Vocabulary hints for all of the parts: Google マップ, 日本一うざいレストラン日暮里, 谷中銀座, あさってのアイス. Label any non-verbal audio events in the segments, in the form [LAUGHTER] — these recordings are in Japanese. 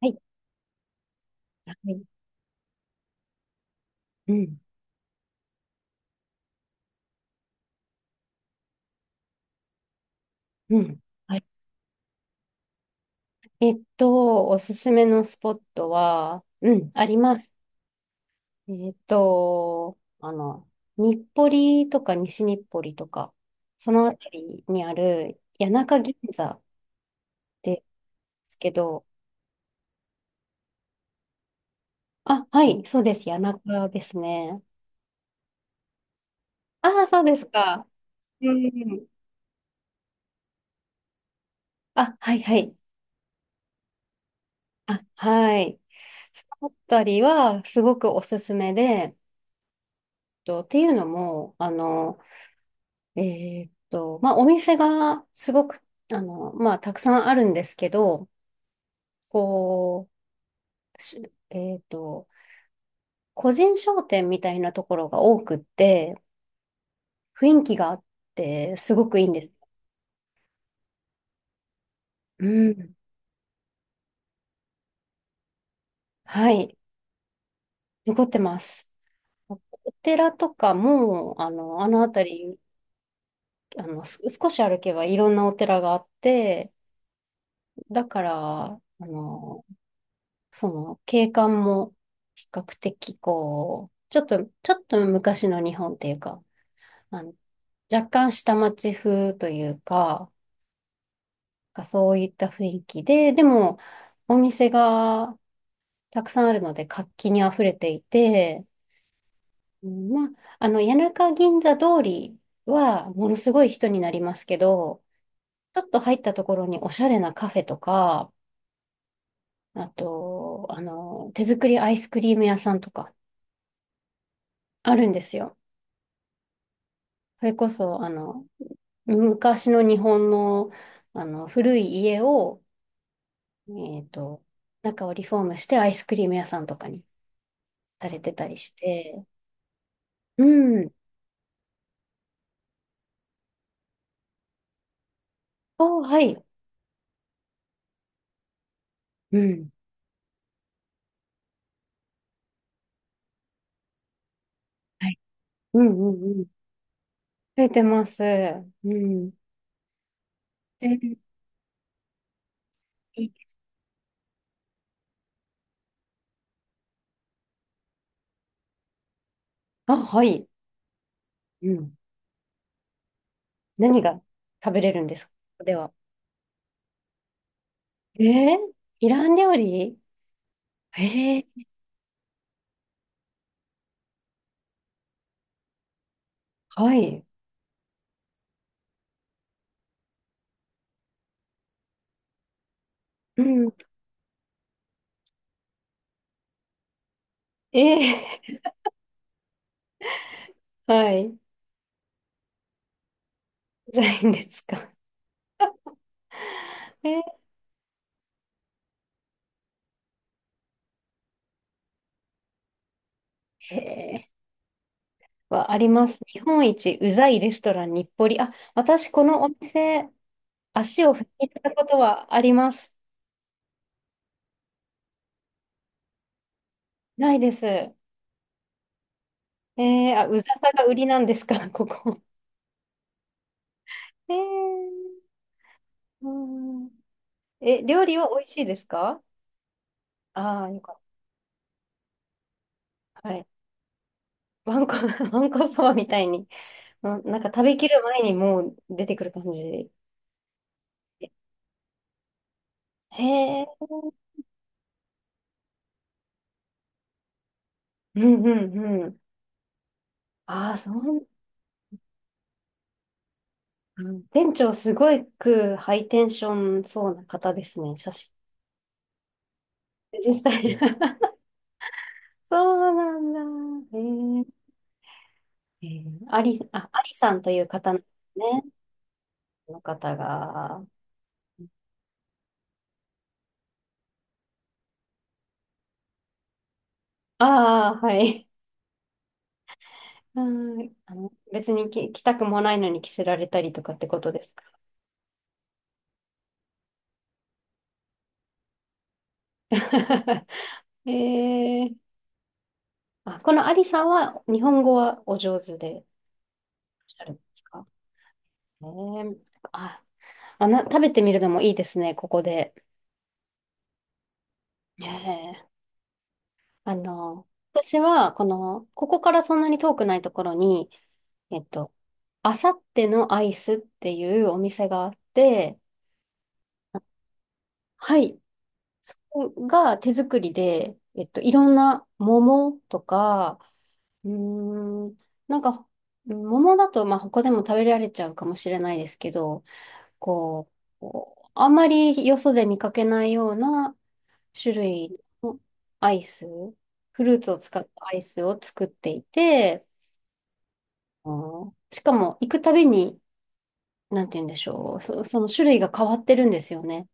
はい。はい。うん。うん。はい。おすすめのスポットは、うん、あります。えっと、あの、日暮里とか西日暮里とか、そのあたりにある谷中銀座ですけど、あ、はい、そうです。谷中ですね。ああ、そうですか。うん。あ、はい、はい。あ、はい。そのあたりは、すごくおすすめで、っていうのも、まあ、お店がすごく、まあ、たくさんあるんですけど、こう、しえーっと、個人商店みたいなところが多くって、雰囲気があって、すごくいいんです。うん。はい。残ってます。お寺とかも、あの辺り、少し歩けばいろんなお寺があって、だから、あの、その景観も比較的こう、ちょっと昔の日本っていうか、あの、若干下町風というか、なんかそういった雰囲気で、でもお店がたくさんあるので活気にあふれていて、うん、まあ、谷中銀座通りはものすごい人になりますけど、ちょっと入ったところにおしゃれなカフェとか、あと、手作りアイスクリーム屋さんとかあるんですよ。それこそ、昔の日本の、古い家を、えっと、中をリフォームしてアイスクリーム屋さんとかにされてたりして。うん。はい。うん。はい。うんうんうん。増えてます。うん。で、いあ、はい。うん。何が食べれるんですかでは？えー、イラン料理。えー、はい。うん。え[LAUGHS] はい。じゃないいんですか？えへー、はあります。日本一うざいレストラン日暮里。あ、私このお店、足を踏み入れたことはあります。ないです。あ、うざさが売りなんですか？[LAUGHS] ここ。えー、うん。え、料理は美味しいですか？ああー、よかった。はい。わんこ、[LAUGHS] わんこそばみたいに、なんか食べきる前にもう出てくる感じ。へえ、うんうんうん。ああ、そう。うん、店長すごくハイテンションそうな方ですね、写真。[LAUGHS] 実際。[LAUGHS] そうなんだ。へえ。へえ、あり、あ、ありさんという方なんですね。この方が。ああ、はい。うん、別に着たくもないのに着せられたりとかってことですか？[LAUGHS] ええ。あ、このアリさんは日本語はお上手でいらっしゃるんですか？え。あ、食べてみるのもいいですね、ここで。へえ。あの、私は、この、ここからそんなに遠くないところに、えっと、あさってのアイスっていうお店があって、はい。そこが手作りで、いろんな桃とか、うーん、なんか、桃だと、まあ、他でも食べられちゃうかもしれないですけど、こうあんまりよそで見かけないような種類のアイス、フルーツを使ったアイスを作っていて、あ、ーしかも、行くたびに、なんて言うんでしょう。その種類が変わってるんですよね。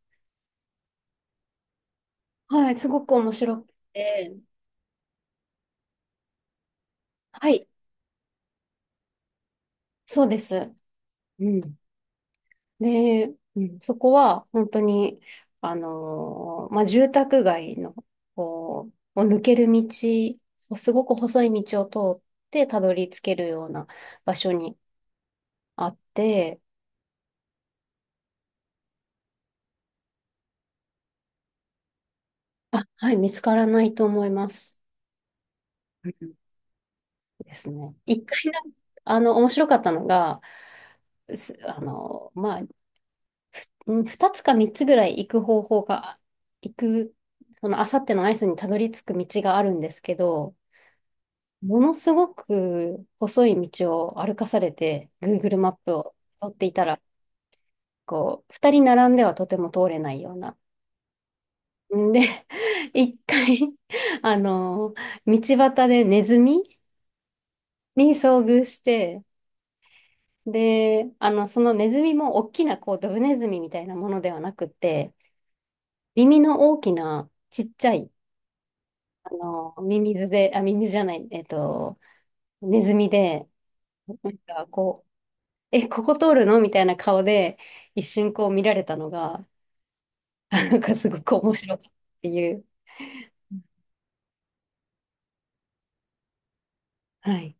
はい、すごく面白くて。はい、そうです。うん。で、うん、そこは、本当に、まあ、住宅街の、こう、を抜ける道、すごく細い道を通ってたどり着けるような場所にあって、あ、はい、見つからないと思います。うんですね。一回、なんあの、面白かったのが、すあの、まあ、うん、二つか三つぐらい行く方法が、行く、その、あさってのアイスにたどり着く道があるんですけど、ものすごく細い道を歩かされて、Google マップを取っていたら、こう、二人並んではとても通れないような。んで、[LAUGHS] 一回、あの、道端でネズミに遭遇して、で、そのネズミも大きな、こう、ドブネズミみたいなものではなくて、耳の大きな、ちっちゃい、ミミズで、あ、ミミズじゃない、ネズミで、なんか、こう、え、ここ通るのみたいな顔で、一瞬こう見られたのが、[LAUGHS] あ、なんかすごく面白かったっていう。はい。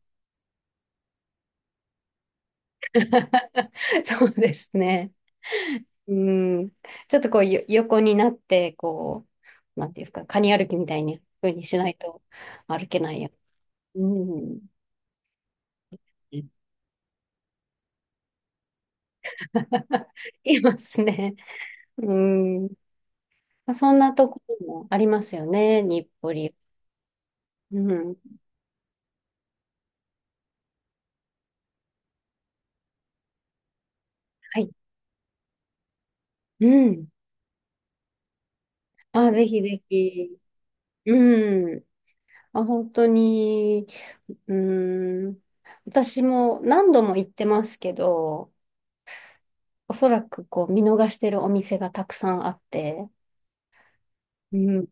[LAUGHS] そうですね。うん。ちょっとこう、横になって、こう、なんていうんですか、カニ歩きみたいに、風にしないと歩けないや。うん。[LAUGHS] いますね。[LAUGHS] うん。まあ、そんなところもありますよね、日暮里。うん。はい。うん。あ、ぜひぜひ。うん。あ、本当に、うん。私も何度も行ってますけど、おそらくこう見逃してるお店がたくさんあって、うん。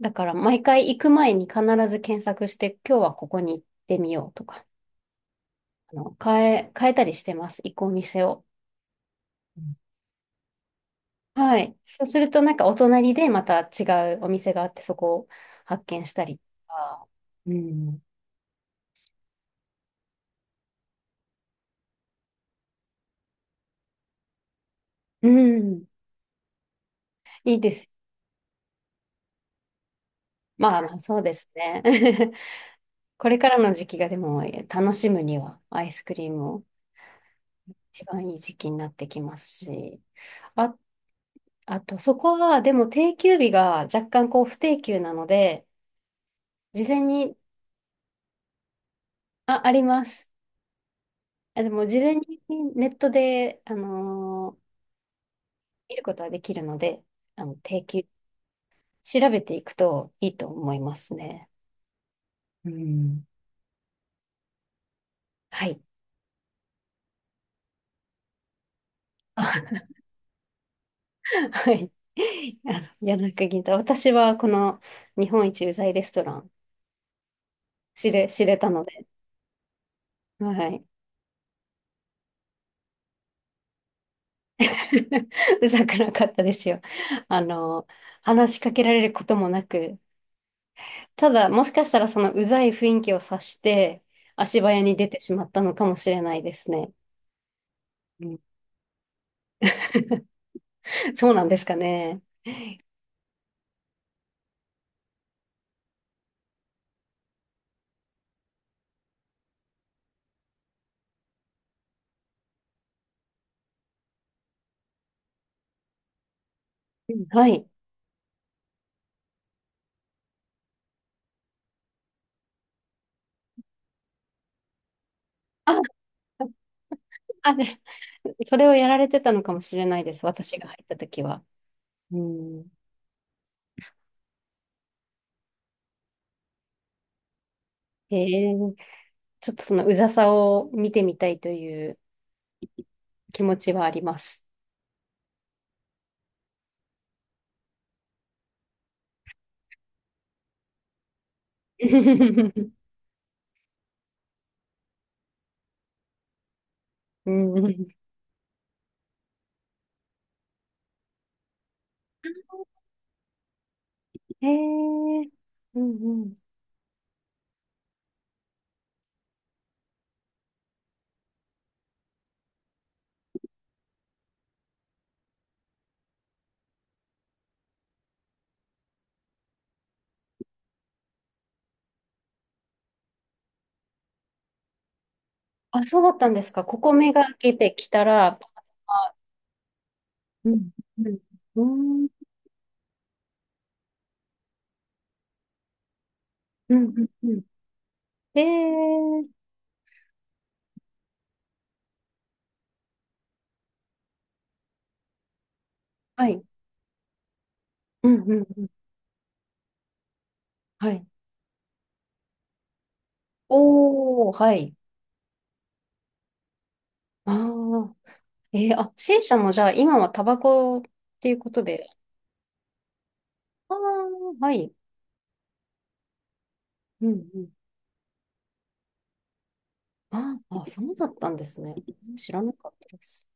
だから毎回行く前に必ず検索して、今日はここに行ってみようとか、変えたりしてます、行くお店を。はい。そうすると、なんかお隣でまた違うお店があって、そこを発見したりとか。うん。うん。いいです。まあまあ、そうですね。[LAUGHS] これからの時期がでも楽しむにはアイスクリームを一番いい時期になってきますし。あ、あと、そこはでも定休日が若干こう不定休なので、事前に、あ、あります。あ、でも事前にネットで、見ることはできるので、定休調べていくといいと思いますね。うん。はい。[LAUGHS] はい。あの、谷中銀太。私はこの日本一うざいレストラン知れたので、はい。[LAUGHS] うざくなかったですよ。あの、話しかけられることもなく、ただもしかしたらそのうざい雰囲気を察して足早に出てしまったのかもしれないですね。うん。 [LAUGHS] そうなんですかね。うん、はい。ああ、じゃあそれをやられてたのかもしれないです。私が入った時は。うん。へえ、ちょっとそのうざさを見てみたいという気持ちはあります。[LAUGHS] うん。へえ、うんうん。あ、そうだったんですか。ここ目が開けてきたら、うん、うん、うん、うん、うんうん。へえ、はい、うん、うん、うん、はい。おー、はい。ああ、あ、C 社もじゃあ今はタバコっていうことで、ああ、はい。うんうん。ああ、そうだったんですね。知らなかったです。